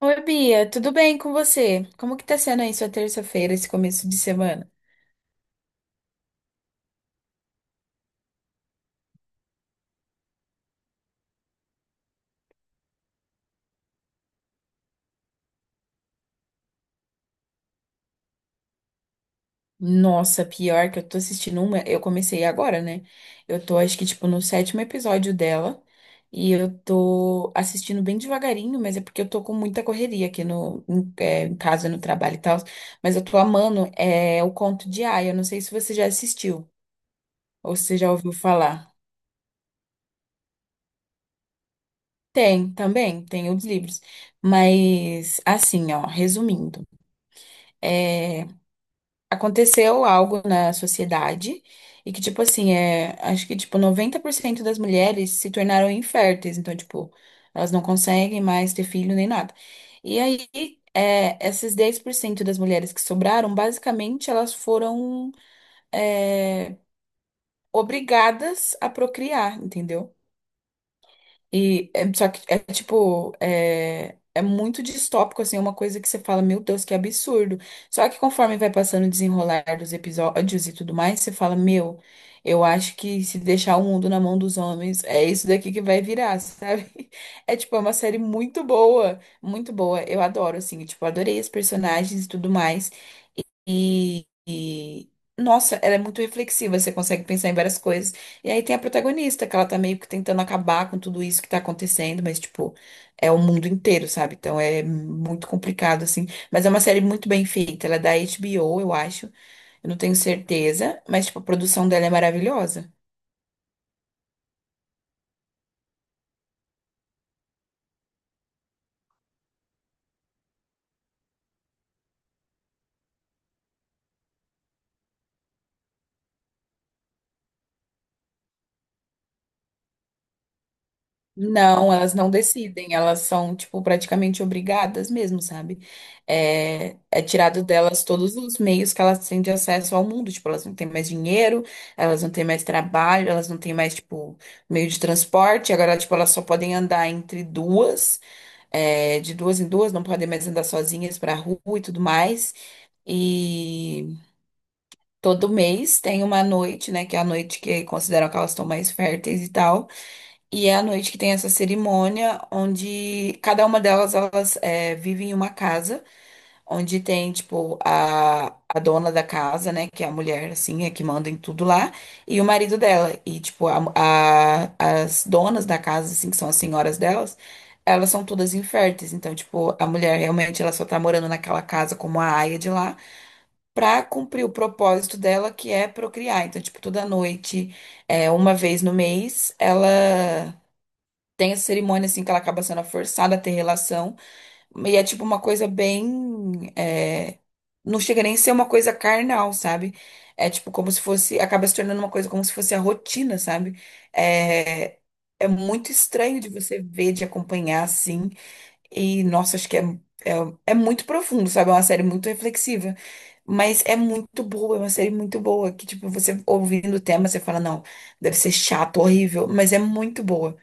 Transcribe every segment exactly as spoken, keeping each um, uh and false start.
Oi, Bia, tudo bem com você? Como que tá sendo aí sua terça-feira, esse começo de semana? Nossa, pior que eu tô assistindo uma, eu comecei agora, né? Eu tô, acho que, tipo, no sétimo episódio dela, e eu tô assistindo bem devagarinho, mas é porque eu tô com muita correria aqui no, em, é, em casa, no trabalho e tal, mas eu tô amando, é, o Conto de Aia. Eu não sei se você já assistiu, ou se você já ouviu falar. Tem, também, tem os livros, mas, assim, ó, resumindo, é... aconteceu algo na sociedade e que, tipo assim, é, acho que, tipo, noventa por cento das mulheres se tornaram inférteis. Então, tipo, elas não conseguem mais ter filho nem nada. E aí, é, esses dez por cento das mulheres que sobraram, basicamente, elas foram, é, obrigadas a procriar, entendeu? E é, só que é tipo, é, é muito distópico, assim, é uma coisa que você fala, meu Deus, que absurdo. Só que conforme vai passando o desenrolar dos episódios e tudo mais, você fala, meu, eu acho que se deixar o mundo na mão dos homens, é isso daqui que vai virar, sabe? É tipo, é uma série muito boa, muito boa. Eu adoro, assim, tipo, adorei os personagens e tudo mais. E, e- Nossa, ela é muito reflexiva, você consegue pensar em várias coisas. E aí tem a protagonista, que ela tá meio que tentando acabar com tudo isso que tá acontecendo, mas, tipo, é o mundo inteiro, sabe? Então é muito complicado, assim. Mas é uma série muito bem feita, ela é da H B O, eu acho. Eu não tenho certeza, mas, tipo, a produção dela é maravilhosa. Não, elas não decidem, elas são, tipo, praticamente obrigadas mesmo, sabe? É, é tirado delas todos os meios que elas têm de acesso ao mundo. Tipo, elas não têm mais dinheiro, elas não têm mais trabalho, elas não têm mais, tipo, meio de transporte. Agora, tipo, elas só podem andar entre duas, é, de duas em duas, não podem mais andar sozinhas pra rua e tudo mais, e todo mês tem uma noite, né, que é a noite que consideram que elas estão mais férteis e tal, e é à noite que tem essa cerimônia, onde cada uma delas, elas é, vivem em uma casa, onde tem, tipo, a, a dona da casa, né, que é a mulher, assim, é que manda em tudo lá, e o marido dela. E, tipo, a, a- as donas da casa, assim, que são as senhoras delas, elas são todas inférteis. Então, tipo, a mulher realmente, ela só tá morando naquela casa como a aia de lá, pra cumprir o propósito dela, que é procriar. Então, tipo, toda noite, é, uma vez no mês, ela tem essa cerimônia, assim, que ela acaba sendo forçada a ter relação. E é tipo uma coisa bem. é, Não chega nem a ser uma coisa carnal, sabe? É tipo como se fosse. Acaba se tornando uma coisa como se fosse a rotina, sabe? É, é muito estranho de você ver, de acompanhar, assim. E, nossa, acho que é, é, é muito profundo, sabe? É uma série muito reflexiva. Mas é muito boa, é uma série muito boa. Que, tipo, você ouvindo o tema, você fala, não, deve ser chato, horrível, mas é muito boa.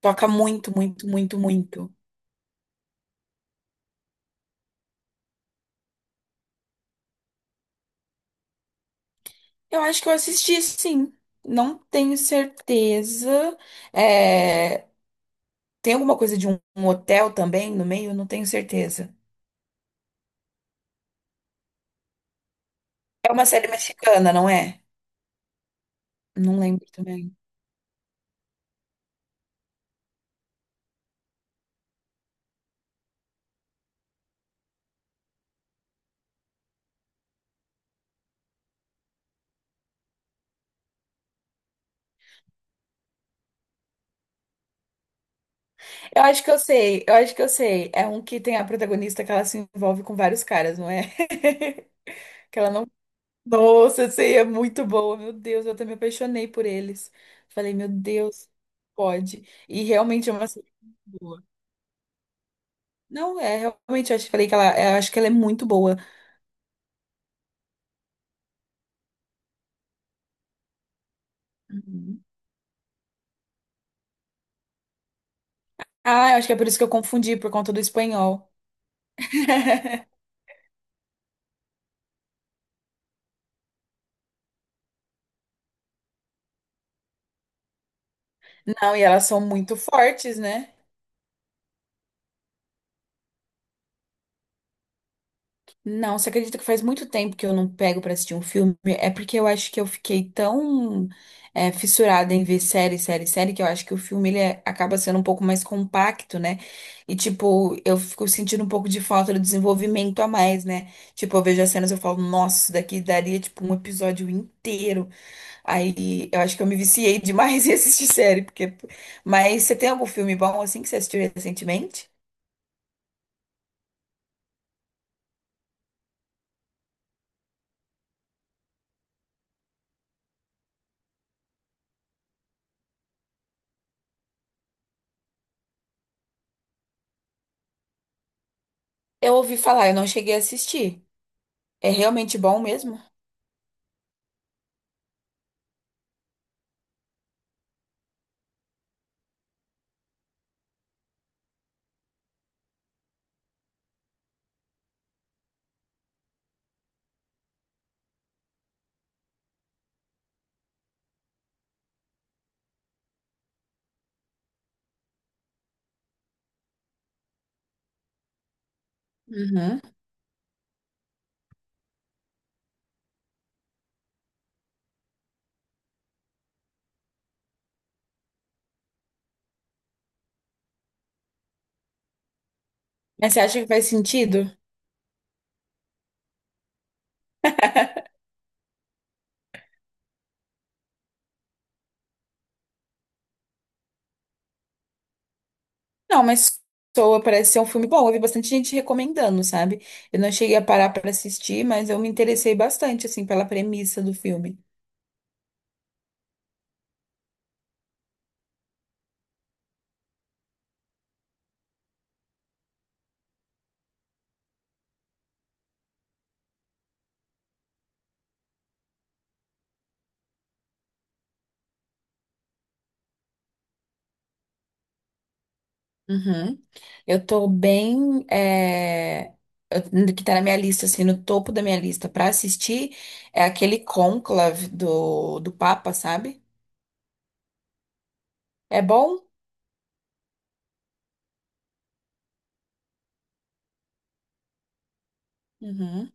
Toca muito, muito, muito, muito. Eu acho que eu assisti, sim. Não tenho certeza. É, tem alguma coisa de um um hotel também no meio? Não tenho certeza. É uma série mexicana, não é? Não lembro também. Eu acho que eu sei, eu acho que eu sei. É um que tem a protagonista que ela se envolve com vários caras, não é? Que ela não. Nossa, essa aí é muito boa. Meu Deus, eu até me apaixonei por eles. Falei, meu Deus, pode. E realmente é uma série boa. Não, é, realmente, eu acho que falei que ela, eu acho que ela é muito boa. Uhum. Ah, eu acho que é por isso que eu confundi, por conta do espanhol. Não, e elas são muito fortes, né? Não, você acredita que faz muito tempo que eu não pego pra assistir um filme? É porque eu acho que eu fiquei tão é, fissurada em ver série, série, série, que eu acho que o filme ele é- acaba sendo um pouco mais compacto, né? E, tipo, eu fico sentindo um pouco de falta do desenvolvimento a mais, né? Tipo, eu vejo as cenas e eu falo, nossa, isso daqui daria, tipo, um episódio inteiro. Aí eu acho que eu me viciei demais em assistir série, porque. Mas você tem algum filme bom assim que você assistiu recentemente? Eu ouvi falar, eu não cheguei a assistir. É realmente bom mesmo? Uhum. Mas você acha que faz sentido? Não, mas soa, parece ser um filme bom. Eu vi bastante gente recomendando, sabe? Eu não cheguei a parar para assistir, mas eu me interessei bastante, assim, pela premissa do filme. Uhum. Eu tô bem. é, eu- Que tá na minha lista, assim, no topo da minha lista pra assistir é aquele conclave do, do Papa, sabe? É bom? Uhum.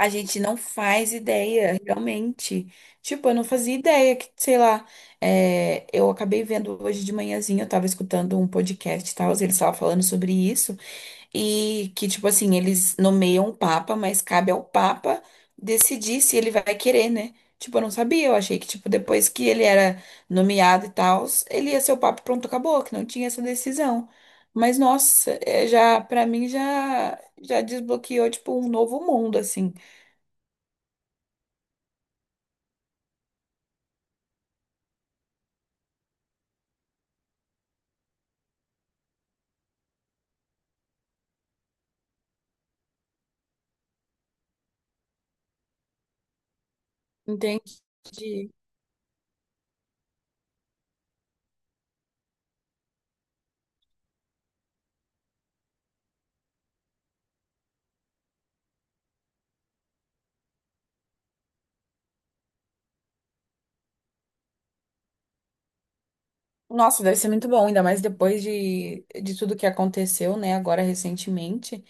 A gente não faz ideia, realmente. Tipo, eu não fazia ideia que, sei lá, é, eu acabei vendo hoje de manhãzinha, eu tava escutando um podcast e tal, eles estavam falando sobre isso. E que, tipo assim, eles nomeiam o Papa, mas cabe ao Papa decidir se ele vai querer, né? Tipo, eu não sabia, eu achei que, tipo, depois que ele era nomeado e tal, ele ia ser o Papa e pronto, acabou, que não tinha essa decisão. Mas, nossa, é, já, pra mim, já, já desbloqueou, tipo, um novo mundo, assim. Entendi. Nossa, deve ser muito bom, ainda mais depois de, de tudo que aconteceu, né, agora recentemente.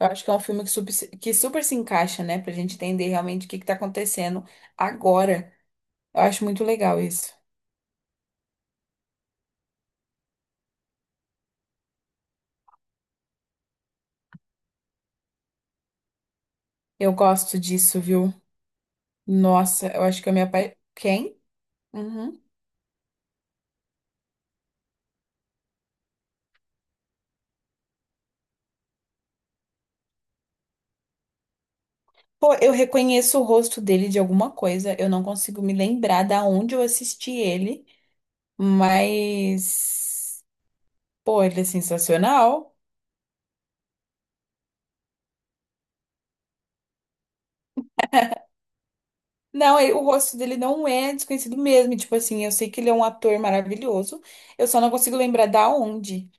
Eu acho que é um filme que super, se- que super se encaixa, né, pra gente entender realmente o que que tá acontecendo agora. Eu acho muito legal isso. Eu gosto disso, viu? Nossa, eu acho que eu me apa... Quem? Uhum. Pô, eu reconheço o rosto dele de alguma coisa, eu não consigo me lembrar da onde eu assisti ele, mas. Pô, ele é sensacional. Não, ele- o rosto dele não é desconhecido mesmo. e, Tipo assim, eu sei que ele é um ator maravilhoso, eu só não consigo lembrar da onde.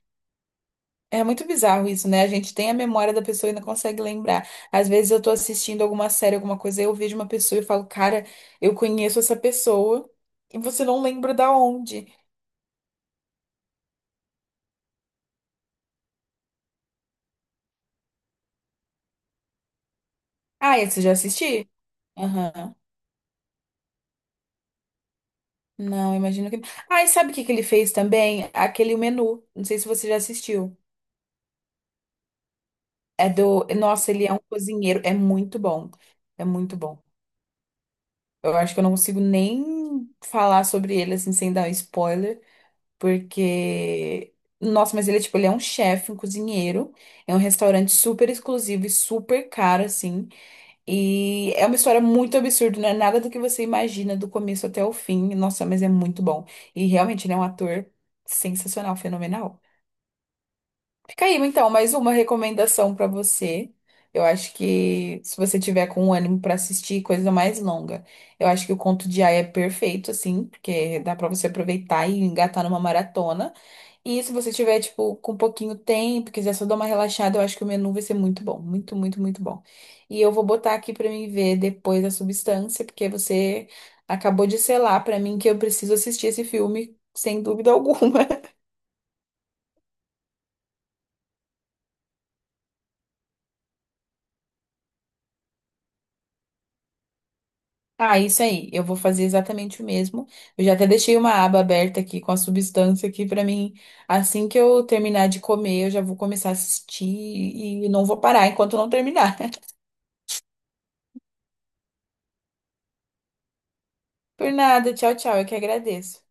É muito bizarro isso, né? A gente tem a memória da pessoa e não consegue lembrar. Às vezes eu tô assistindo alguma série, alguma coisa, eu vejo uma pessoa e falo, cara, eu conheço essa pessoa, e você não lembra da onde. Ah, esse eu já assisti? Aham. Não, imagino que. Ah, e sabe o que que ele fez também? Aquele menu. Não sei se você já assistiu. É do. Nossa, ele é um cozinheiro. É muito bom. É muito bom. Eu acho que eu não consigo nem falar sobre ele assim sem dar um spoiler, porque nossa, mas ele é tipo, ele é um chefe, um cozinheiro, é um restaurante super exclusivo e super caro assim, e é uma história muito absurda, não é nada do que você imagina do começo até o fim. Nossa, mas é muito bom. E realmente ele é um ator sensacional, fenomenal. Fica aí, então, mais uma recomendação pra você. Eu acho que se você tiver com ânimo pra assistir coisa mais longa, eu acho que o Conto de Aia é perfeito, assim, porque dá pra você aproveitar e engatar numa maratona. E se você tiver, tipo, com um pouquinho tempo, quiser só dar uma relaxada, eu acho que o menu vai ser muito bom. Muito, muito, muito bom. E eu vou botar aqui pra mim ver depois a substância, porque você acabou de selar pra mim que eu preciso assistir esse filme, sem dúvida alguma. Ah, isso aí. Eu vou fazer exatamente o mesmo. Eu já até deixei uma aba aberta aqui com a substância aqui pra mim. Assim que eu terminar de comer, eu já vou começar a assistir e não vou parar enquanto não terminar. Por nada. Tchau, tchau. Eu que agradeço.